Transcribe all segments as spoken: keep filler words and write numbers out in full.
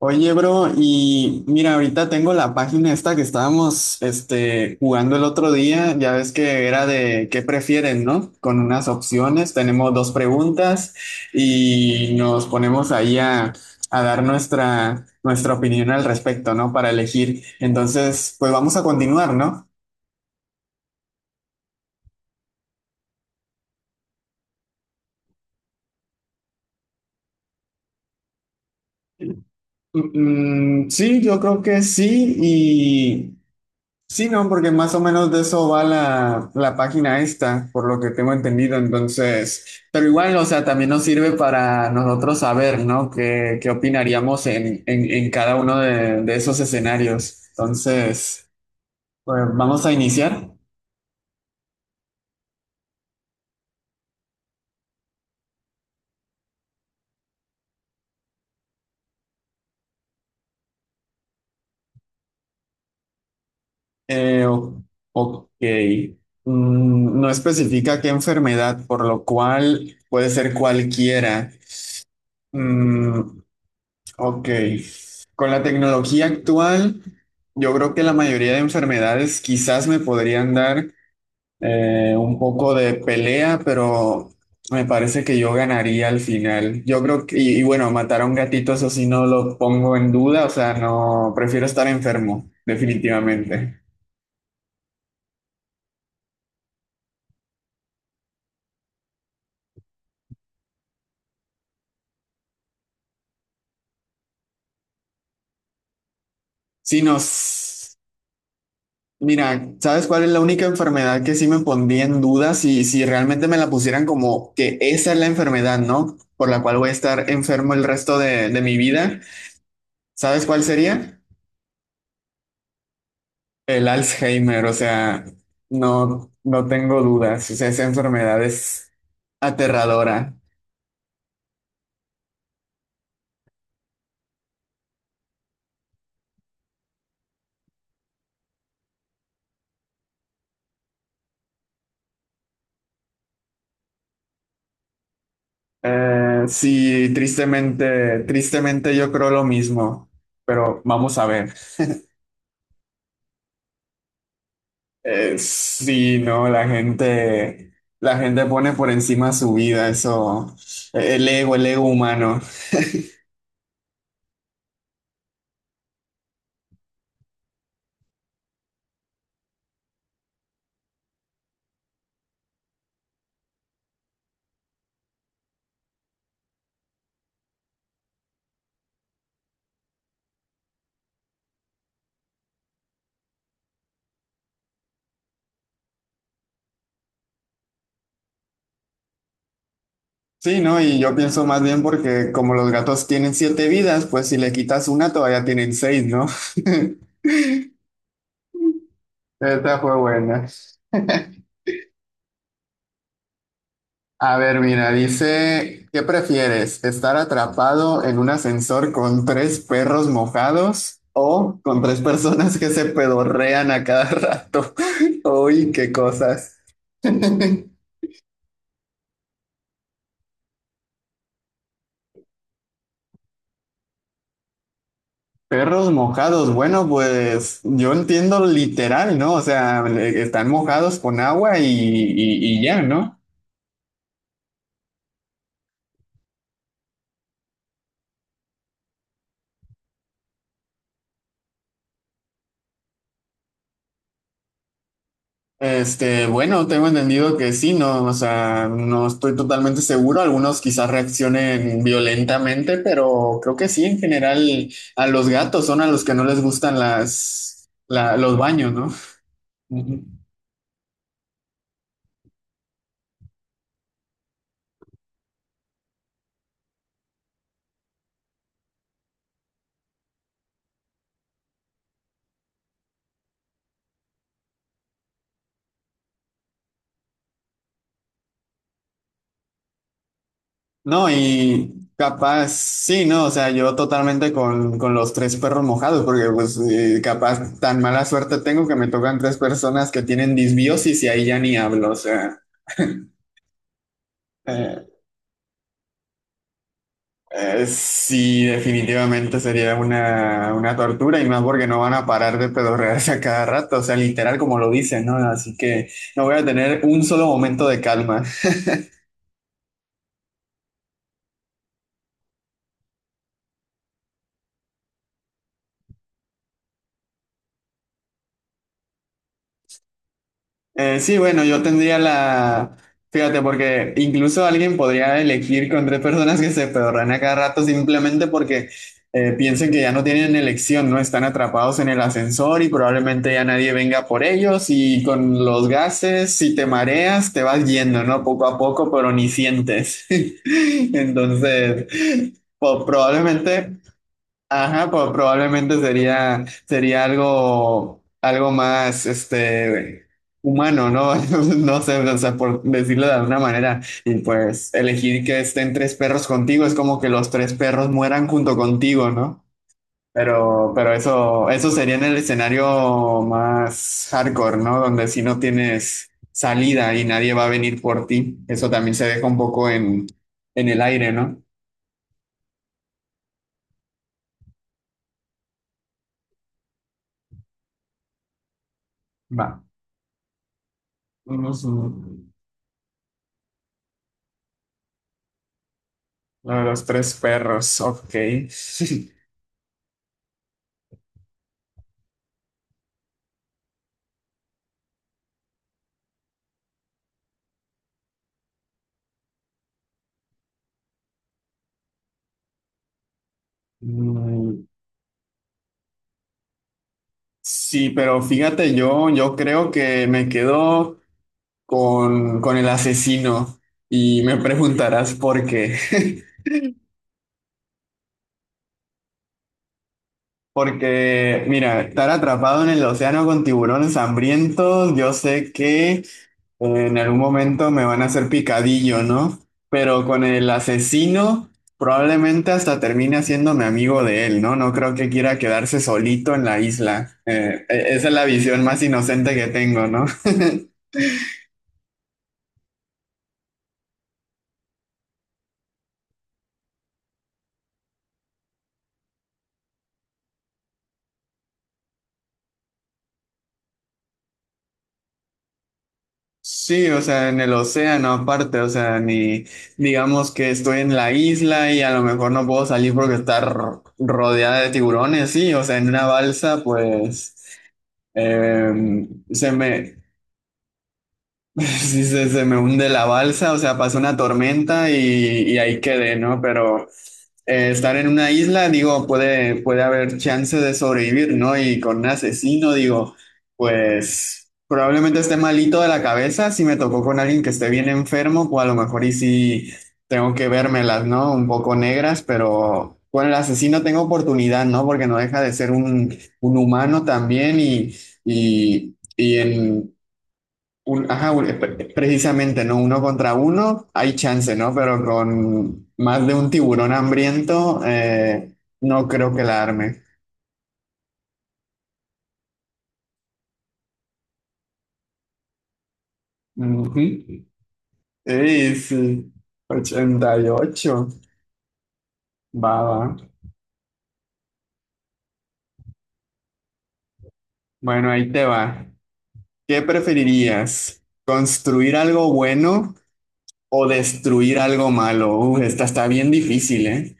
Oye, bro, y mira, ahorita tengo la página esta que estábamos este, jugando el otro día, ya ves que era de qué prefieren, ¿no? Con unas opciones, tenemos dos preguntas y nos ponemos ahí a, a dar nuestra, nuestra opinión al respecto, ¿no? Para elegir. Entonces, pues vamos a continuar, ¿no? Mm, mm, sí, yo creo que sí, y... Sí, no, porque más o menos de eso va la, la página esta, por lo que tengo entendido. Entonces, pero igual, o sea, también nos sirve para nosotros saber, ¿no? ¿Qué, qué opinaríamos en, en, en cada uno de, de esos escenarios? Entonces, pues vamos a iniciar. Eh, o- ok. Mm, no especifica qué enfermedad, por lo cual puede ser cualquiera. Mm, Ok, con la tecnología actual, yo creo que la mayoría de enfermedades quizás me podrían dar eh, un poco de pelea, pero me parece que yo ganaría al final. Yo creo que, y, y bueno, matar a un gatito, eso sí no lo pongo en duda, o sea, no, prefiero estar enfermo, definitivamente. Sí, nos Mira, ¿sabes cuál es la única enfermedad que sí me pondría en duda si, si realmente me la pusieran como que esa es la enfermedad, ¿no? Por la cual voy a estar enfermo el resto de, de mi vida. ¿Sabes cuál sería? El Alzheimer, o sea, no, no tengo dudas, o sea, esa enfermedad es aterradora. Eh, sí, tristemente, tristemente yo creo lo mismo, pero vamos a ver. Eh, sí, no, la gente, la gente pone por encima su vida, eso, eh, el ego, el ego humano. Sí, no, y yo pienso más bien porque como los gatos tienen siete vidas, pues si le quitas una todavía tienen seis, ¿no? Esta fue buena. A ver, mira, dice, ¿qué prefieres? ¿Estar atrapado en un ascensor con tres perros mojados o con tres personas que se pedorrean a cada rato? Uy, qué cosas. Perros mojados, bueno, pues yo entiendo literal, ¿no? O sea, le- están mojados con agua y, y- y ya, ¿no? Este, bueno, tengo entendido que sí, ¿no? O sea, no estoy totalmente seguro, algunos quizás reaccionen violentamente, pero creo que sí, en general, a los gatos son a los que no les gustan las, la- los baños, ¿no? No, y capaz, sí, no, o sea, yo totalmente con, con los tres perros mojados, porque pues eh, capaz tan mala suerte tengo que me tocan tres personas que tienen disbiosis y ahí ya ni hablo, o sea, eh, eh, sí, definitivamente sería una, una tortura y más porque no van a parar de pedorrearse a cada rato, o sea, literal como lo dicen, ¿no? Así que no voy a tener un solo momento de calma. Eh, sí, bueno, yo tendría la... Fíjate, porque incluso alguien podría elegir con tres personas que se pedorrean a cada rato simplemente porque eh, piensen que ya no tienen elección, ¿no? Están atrapados en el ascensor y probablemente ya nadie venga por ellos y con los gases, si te mareas, te vas yendo, ¿no? Poco a poco, pero ni sientes. Entonces, po- probablemente... Ajá, pues probablemente sería, sería algo, algo, más, este, humano, ¿no? No sé, o sea, por decirlo de alguna manera. Y pues elegir que estén tres perros contigo es como que los tres perros mueran junto contigo, ¿no? Pero, pero eso, eso sería en el escenario más hardcore, ¿no? Donde si no tienes salida y nadie va a venir por ti, eso también se deja un poco en, en el aire, ¿no? Va. Unos, mm, Uno de los tres perros, ok. Mm, Sí, pero fíjate, yo, yo creo que me quedo con, con el asesino y me preguntarás por qué. Porque, mira, estar atrapado en el océano con tiburones hambrientos, yo sé que pues, en algún momento me van a hacer picadillo, ¿no? Pero con el asesino probablemente hasta termine haciéndome amigo de él, ¿no? No creo que quiera quedarse solito en la isla. Eh, e- esa es la visión más inocente que tengo, ¿no? Sí, o sea, en el océano aparte, o sea, ni digamos que estoy en la isla y a lo mejor no puedo salir porque está ro- rodeada de tiburones, sí, o sea, en una balsa, pues eh, se me, Sí, se, se me hunde la balsa, o sea, pasó una tormenta y, y ahí quedé, ¿no? Pero eh, estar en una isla, digo, puede, puede haber chance de sobrevivir, ¿no? Y con un asesino, digo, pues probablemente esté malito de la cabeza, si me tocó con alguien que esté bien enfermo, pues a lo mejor y sí tengo que vérmelas, ¿no? Un poco negras, pero con el asesino tengo oportunidad, ¿no? Porque no deja de ser un, un humano también y... Y, y en un, ajá, un- eh, pre- precisamente, ¿no? Uno contra uno, hay chance, ¿no? Pero con más de un tiburón hambriento, eh, no creo que la arme. Ujú. Sí, sí. ochenta y ocho. Va, va. Bueno, ahí te va. ¿Qué preferirías? ¿Construir algo bueno o destruir algo malo? Uf, esta está bien difícil, ¿eh?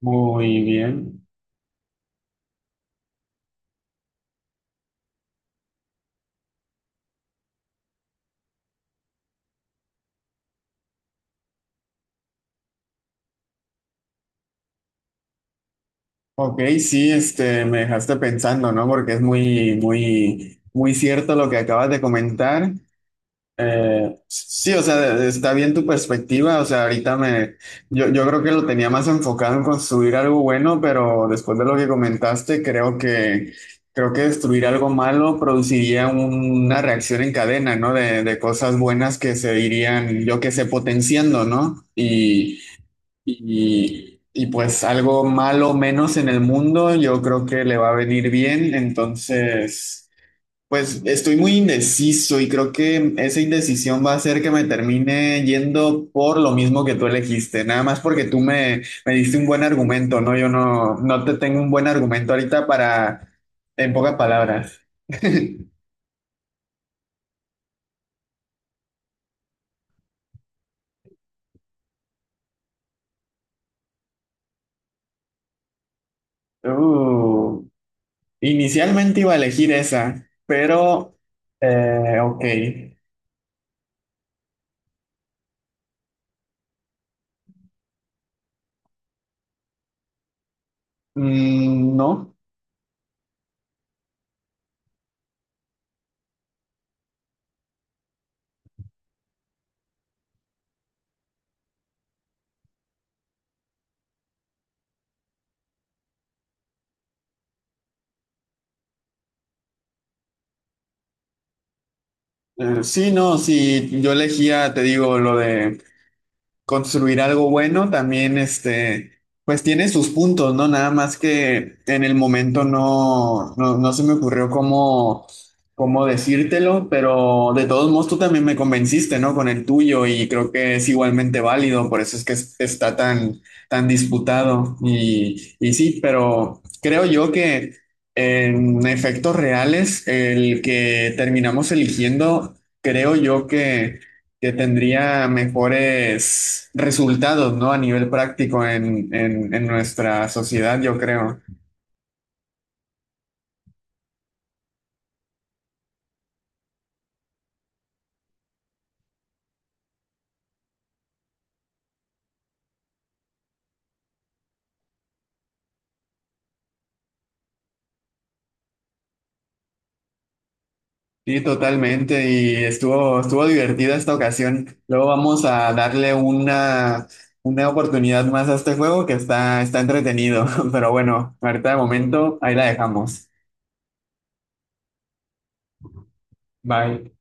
Muy bien. Ok, sí, este, me dejaste pensando, ¿no? Porque es muy, muy, muy cierto lo que acabas de comentar. Eh, sí, o sea, está bien tu perspectiva. O sea, ahorita me, yo, yo creo que lo tenía más enfocado en construir algo bueno, pero después de lo que comentaste, creo que, creo que destruir algo malo produciría una reacción en cadena, ¿no? De, de cosas buenas que se irían, yo que sé, potenciando, ¿no? Y y, y pues algo malo menos en el mundo, yo creo que le va a venir bien. Entonces, pues estoy muy indeciso y creo que esa indecisión va a hacer que me termine yendo por lo mismo que tú elegiste, nada más porque tú me, me diste un buen argumento, ¿no? Yo no, no te tengo un buen argumento ahorita para, en pocas palabras. Uh, inicialmente iba a elegir esa, pero, eh, ok. Mm, no. Eh, Sí, no, sí, yo elegía, te digo, lo de construir algo bueno también, este, pues tiene sus puntos, ¿no? Nada más que en el momento no, no, no se me ocurrió cómo, cómo decírtelo, pero de todos modos tú también me convenciste, ¿no? Con el tuyo y creo que es igualmente válido, por eso es que es- está tan, tan disputado y, y sí, pero creo yo que en efectos reales el que terminamos eligiendo, creo yo que que tendría mejores resultados, ¿no? A nivel práctico en, en, en nuestra sociedad, yo creo. Sí, totalmente. Y estuvo, estuvo divertida esta ocasión. Luego vamos a darle una, una oportunidad más a este juego que está, está entretenido. Pero bueno, ahorita de momento ahí la dejamos. Bye.